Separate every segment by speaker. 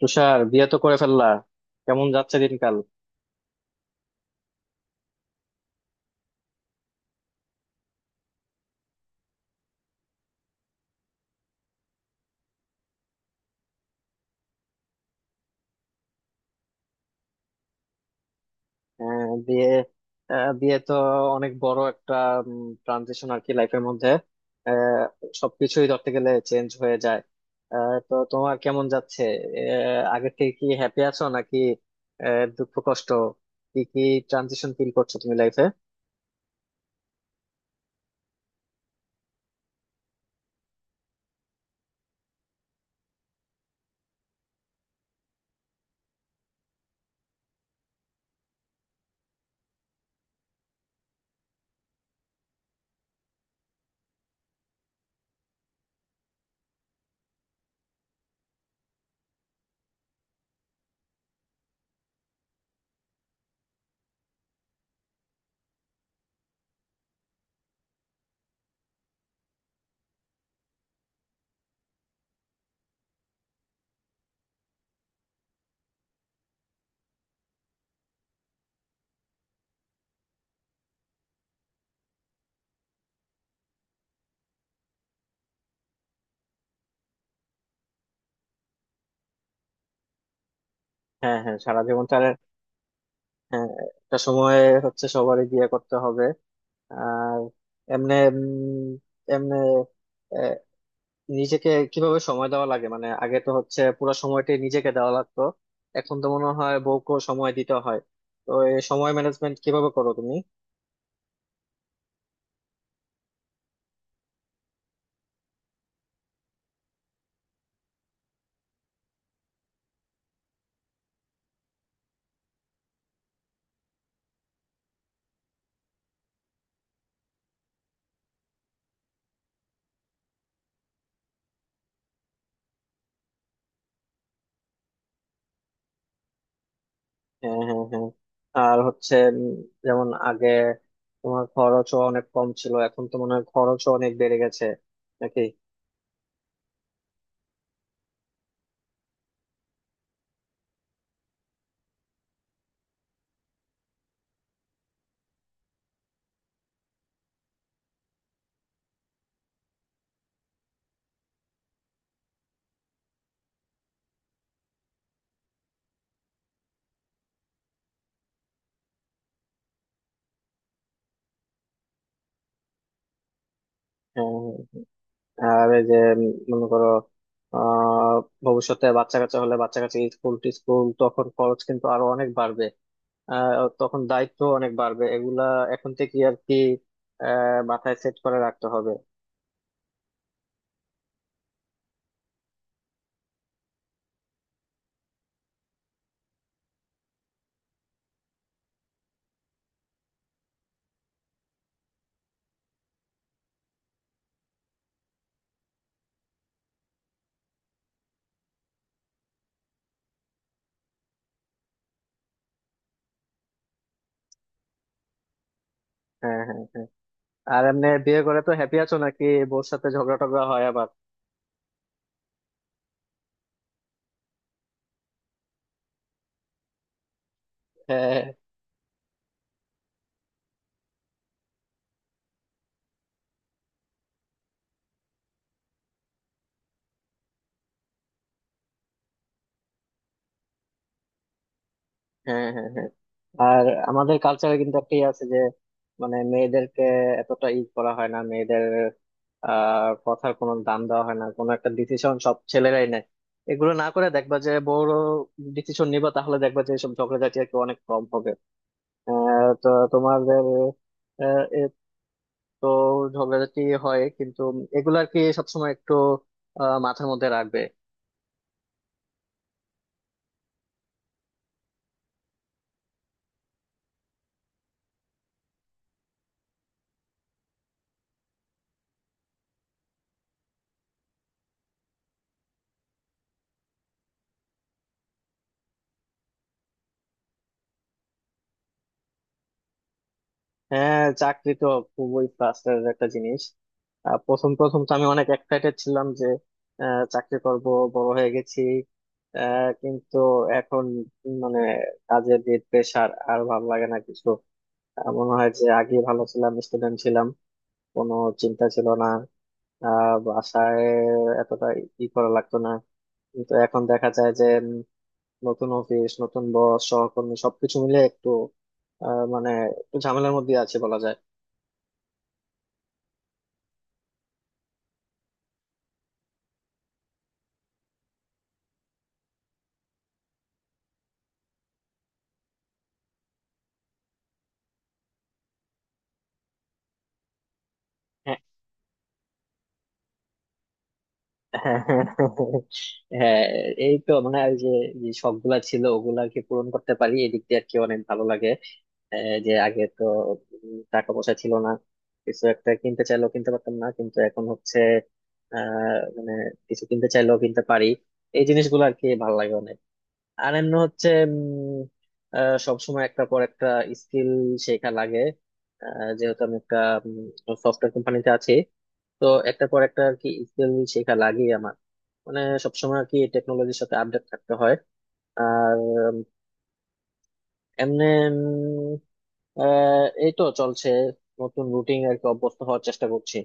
Speaker 1: তুষার, বিয়ে তো করে ফেললা। কেমন যাচ্ছে দিনকাল? আহ, বিয়ে বিয়ে তো অনেক বড় একটা ট্রানজিশন আর কি লাইফের মধ্যে। আহ, সবকিছুই ধরতে গেলে চেঞ্জ হয়ে যায়। তো তোমার কেমন যাচ্ছে? আগের থেকে কি হ্যাপি আছো নাকি? দুঃখ কষ্ট কি কি ট্রানজিশন ফিল করছো তুমি লাইফে? হ্যাঁ, হ্যাঁ, সারা জীবন তার। হ্যাঁ। একটা সময় হচ্ছে সবারই বিয়ে করতে হবে। আর এমনি এমনি নিজেকে কিভাবে সময় দেওয়া লাগে, মানে আগে তো হচ্ছে পুরো সময়টাই নিজেকে দেওয়া লাগতো। এখন তো মনে হয় বউকেও সময় দিতে হয়। তো এই সময় ম্যানেজমেন্ট কিভাবে করো তুমি? হ্যাঁ, হ্যাঁ, হ্যাঁ। আর হচ্ছে যেমন আগে তোমার খরচও অনেক কম ছিল, এখন তো মনে হয় খরচও অনেক বেড়ে গেছে নাকি? হ্যাঁ, হ্যাঁ। হ্যাঁ। আর এই যে মনে করো, আহ ভবিষ্যতে বাচ্চা কাচ্চা হলে, বাচ্চা কাচ্চা স্কুল টিস্কুল, তখন খরচ কিন্তু আরো অনেক বাড়বে। তখন দায়িত্ব অনেক বাড়বে, এগুলা এখন থেকে আর কি মাথায় সেট করে রাখতে হবে। হ্যাঁ, হ্যাঁ, হ্যাঁ। আর এমনি বিয়ে করে তো হ্যাপি আছো নাকি? বউর সাথে ঝগড়া টগড়া হয় আবার? হ্যাঁ, হ্যাঁ, হ্যাঁ, হ্যাঁ। আর আমাদের কালচারে কিন্তু একটা ইয়ে আছে যে, মানে মেয়েদেরকে এতটা ই করা হয় না, মেয়েদের কথার কোনো দাম দেওয়া হয় না, কোনো একটা ডিসিশন সব ছেলেরাই নেয়। এগুলো না করে দেখবা যে বড় ডিসিশন নিবা, তাহলে দেখবা যে সব ঝগড়াঝাটি আর কি অনেক কম হবে। তো তোমাদের আহ, এ তো ঝগড়াঝাটি হয়, কিন্তু এগুলো আর কি সবসময় একটু মাথার মধ্যে রাখবে। হ্যাঁ, চাকরি তো খুবই প্লাস্টারের একটা জিনিস। প্রথম প্রথম তো আমি অনেক এক্সাইটেড ছিলাম যে চাকরি করব, বড় হয়ে গেছি। কিন্তু এখন মানে কাজের যে প্রেশার আর ভালো লাগে না কিছু। মনে হয় যে আগে ভালো ছিলাম, স্টুডেন্ট ছিলাম, কোনো চিন্তা ছিল না, বাসায় এতটা ই করা লাগতো না। কিন্তু এখন দেখা যায় যে নতুন অফিস, নতুন বস, সহকর্মী সবকিছু মিলে একটু মানে একটু ঝামেলার মধ্যে আছে বলা যায়। হ্যাঁ, হ্যাঁ। হ্যাঁ, এই তো মানে এই যে যে শখগুলা ছিল ওগুলাকে পূরণ করতে পারি এদিক দিয়ে আর কি অনেক ভালো লাগে। যে আগে তো টাকা পয়সা ছিল না, কিছু একটা কিনতে চাইলেও কিনতে পারতাম না, কিন্তু এখন হচ্ছে মানে কিছু কিনতে চাইলেও কিনতে পারি, এই জিনিসগুলো আর কি ভালো লাগে অনেক। আর এমনি হচ্ছে সবসময় একটা পর একটা স্কিল শেখা লাগে। যেহেতু আমি একটা সফটওয়্যার কোম্পানিতে আছি, তো একটা পর একটা আর কি স্কিল শেখা লাগে আমার, মানে সবসময় আর কি টেকনোলজির সাথে আপডেট থাকতে হয়। আর এমনি উম, এই তো চলছে, নতুন রুটিন আর কি অভ্যস্ত হওয়ার চেষ্টা করছি।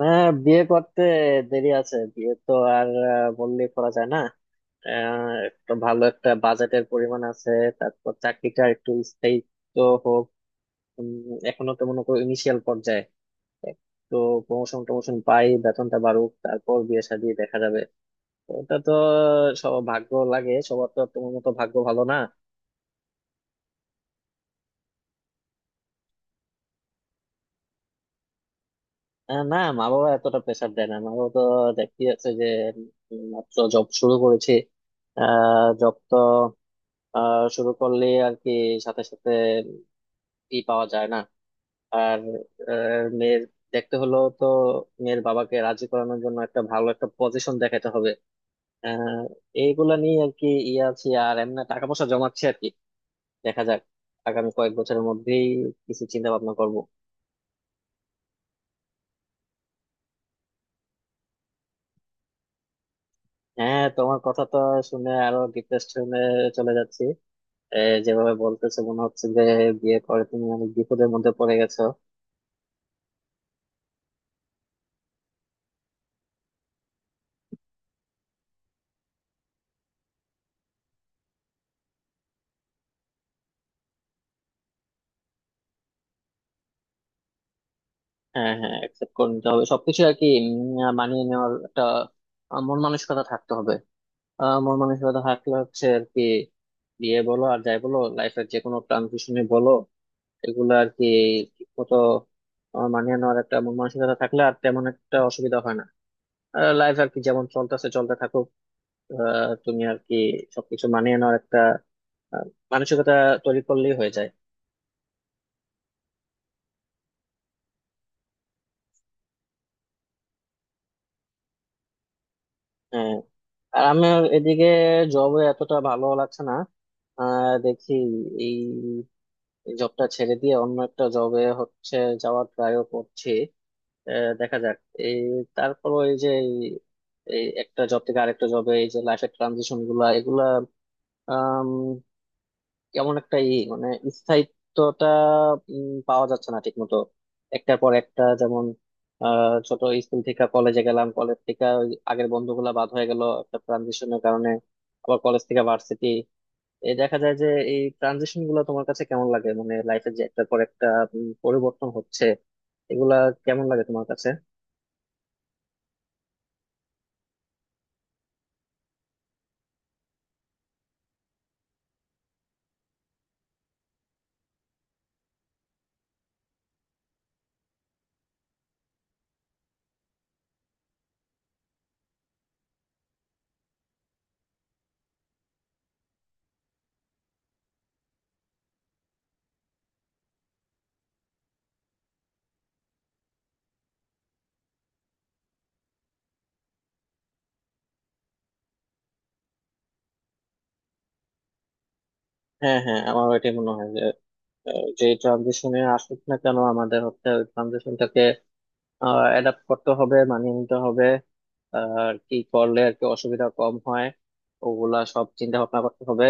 Speaker 1: না, বিয়ে করতে দেরি আছে। বিয়ে তো আর বললে করা যায় না। আহ একটা ভালো একটা বাজেটের পরিমাণ আছে, তারপর চাকরিটা একটু স্থায়িত্ব হোক। উম, এখনো তো মনে করো ইনিশিয়াল পর্যায়ে, তো প্রমোশন টমোশন পাই, বেতনটা বাড়ুক, তারপর বিয়ে শাদী দেখা যাবে। তো ওটা তো সব ভাগ্য লাগে, সবার তো আর তোমার মতো ভাগ্য ভালো না। না, মা বাবা এতটা প্রেসার দেয় না। মা বাবা তো দেখতে যাচ্ছে যে মাত্র জব শুরু করেছি। আহ জব তো আহ শুরু করলে আর কি সাথে সাথে ই পাওয়া যায় না। আর মেয়ের দেখতে হলো তো, মেয়ের বাবাকে রাজি করানোর জন্য একটা ভালো একটা পজিশন দেখাতে হবে। আহ এইগুলা নিয়ে আর কি ইয়ে আছি, আর এমনি টাকা পয়সা জমাচ্ছি আর কি। দেখা যাক আগামী কয়েক বছরের মধ্যেই কিছু চিন্তা ভাবনা করবো। হ্যাঁ, তোমার কথা তো শুনে আরো ডিপ্রেশনে চলে যাচ্ছি। এ, যেভাবে বলতেছে মনে হচ্ছে যে বিয়ে করে তুমি অনেক বিপদের মধ্যে পড়ে গেছো। হ্যাঁ, হ্যাঁ, অ্যাকসেপ্ট করে নিতে হবে সবকিছু আর কি মানিয়ে নেওয়ার একটা মন মানসিকতা থাকতে হবে। আমার মানসিকতা থাকলে হচ্ছে আর কি বিয়ে বলো আর যাই বলো লাইফের যে কোনো ট্রানজিশনে বলো, এগুলো আর কি ঠিক মতো আমার মানিয়ে নেওয়ার একটা মন মানসিকতা থাকলে আর তেমন একটা অসুবিধা হয় না। লাইফ আর কি যেমন চলতেছে চলতে থাকুক। তুমি আর কি সবকিছু মানিয়ে নেওয়ার একটা আহ, মানসিকতা তৈরি করলেই হয়ে যায়। হ্যাঁ, আর আমার এদিকে জবে এতটা ভালো লাগছে না। দেখি এই জবটা ছেড়ে দিয়ে অন্য একটা জবে হচ্ছে যাওয়ার ট্রাইও করছি। দেখা যাক। এই তারপর ওই যে এই এই একটা জব থেকে আরেকটা জবে এই যে লাইফের ট্রানজিশন গুলা, এগুলা আম, কেমন একটা ই মানে স্থায়িত্বটা পাওয়া যাচ্ছে না ঠিক মতো। একটার পর একটা, যেমন ছোট স্কুল থেকে কলেজে গেলাম, কলেজ থেকে ওই আগের বন্ধুগুলা বাদ হয়ে গেল একটা ট্রানজিশনের কারণে, আবার কলেজ থেকে ভার্সিটি। এই দেখা যায় যে এই ট্রানজিশন গুলো তোমার কাছে কেমন লাগে, মানে লাইফের যে একটার পর একটা পরিবর্তন হচ্ছে, এগুলা কেমন লাগে তোমার কাছে? হ্যাঁ, হ্যাঁ, আমারও এটাই মনে হয় যে যে ট্রানজিশনে আসুক না কেন আমাদের হচ্ছে ট্রানজিশনটাকে অ্যাডাপ্ট করতে হবে, মানিয়ে নিতে হবে। আর কি করলে আর কি অসুবিধা কম হয়, ওগুলা সব চিন্তা ভাবনা করতে হবে।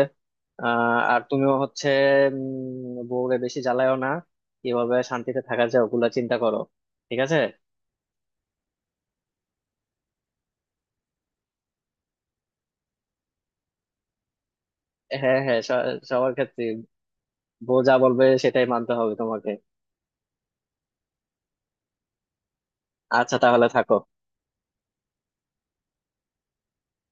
Speaker 1: আর তুমিও হচ্ছে বউরে বেশি জ্বালায়ও না, কিভাবে শান্তিতে থাকা যায় ওগুলা চিন্তা করো, ঠিক আছে? হ্যাঁ, হ্যাঁ, সবার ক্ষেত্রে বউ যা বলবে সেটাই মানতে হবে তোমাকে। আচ্ছা, তাহলে থাকো।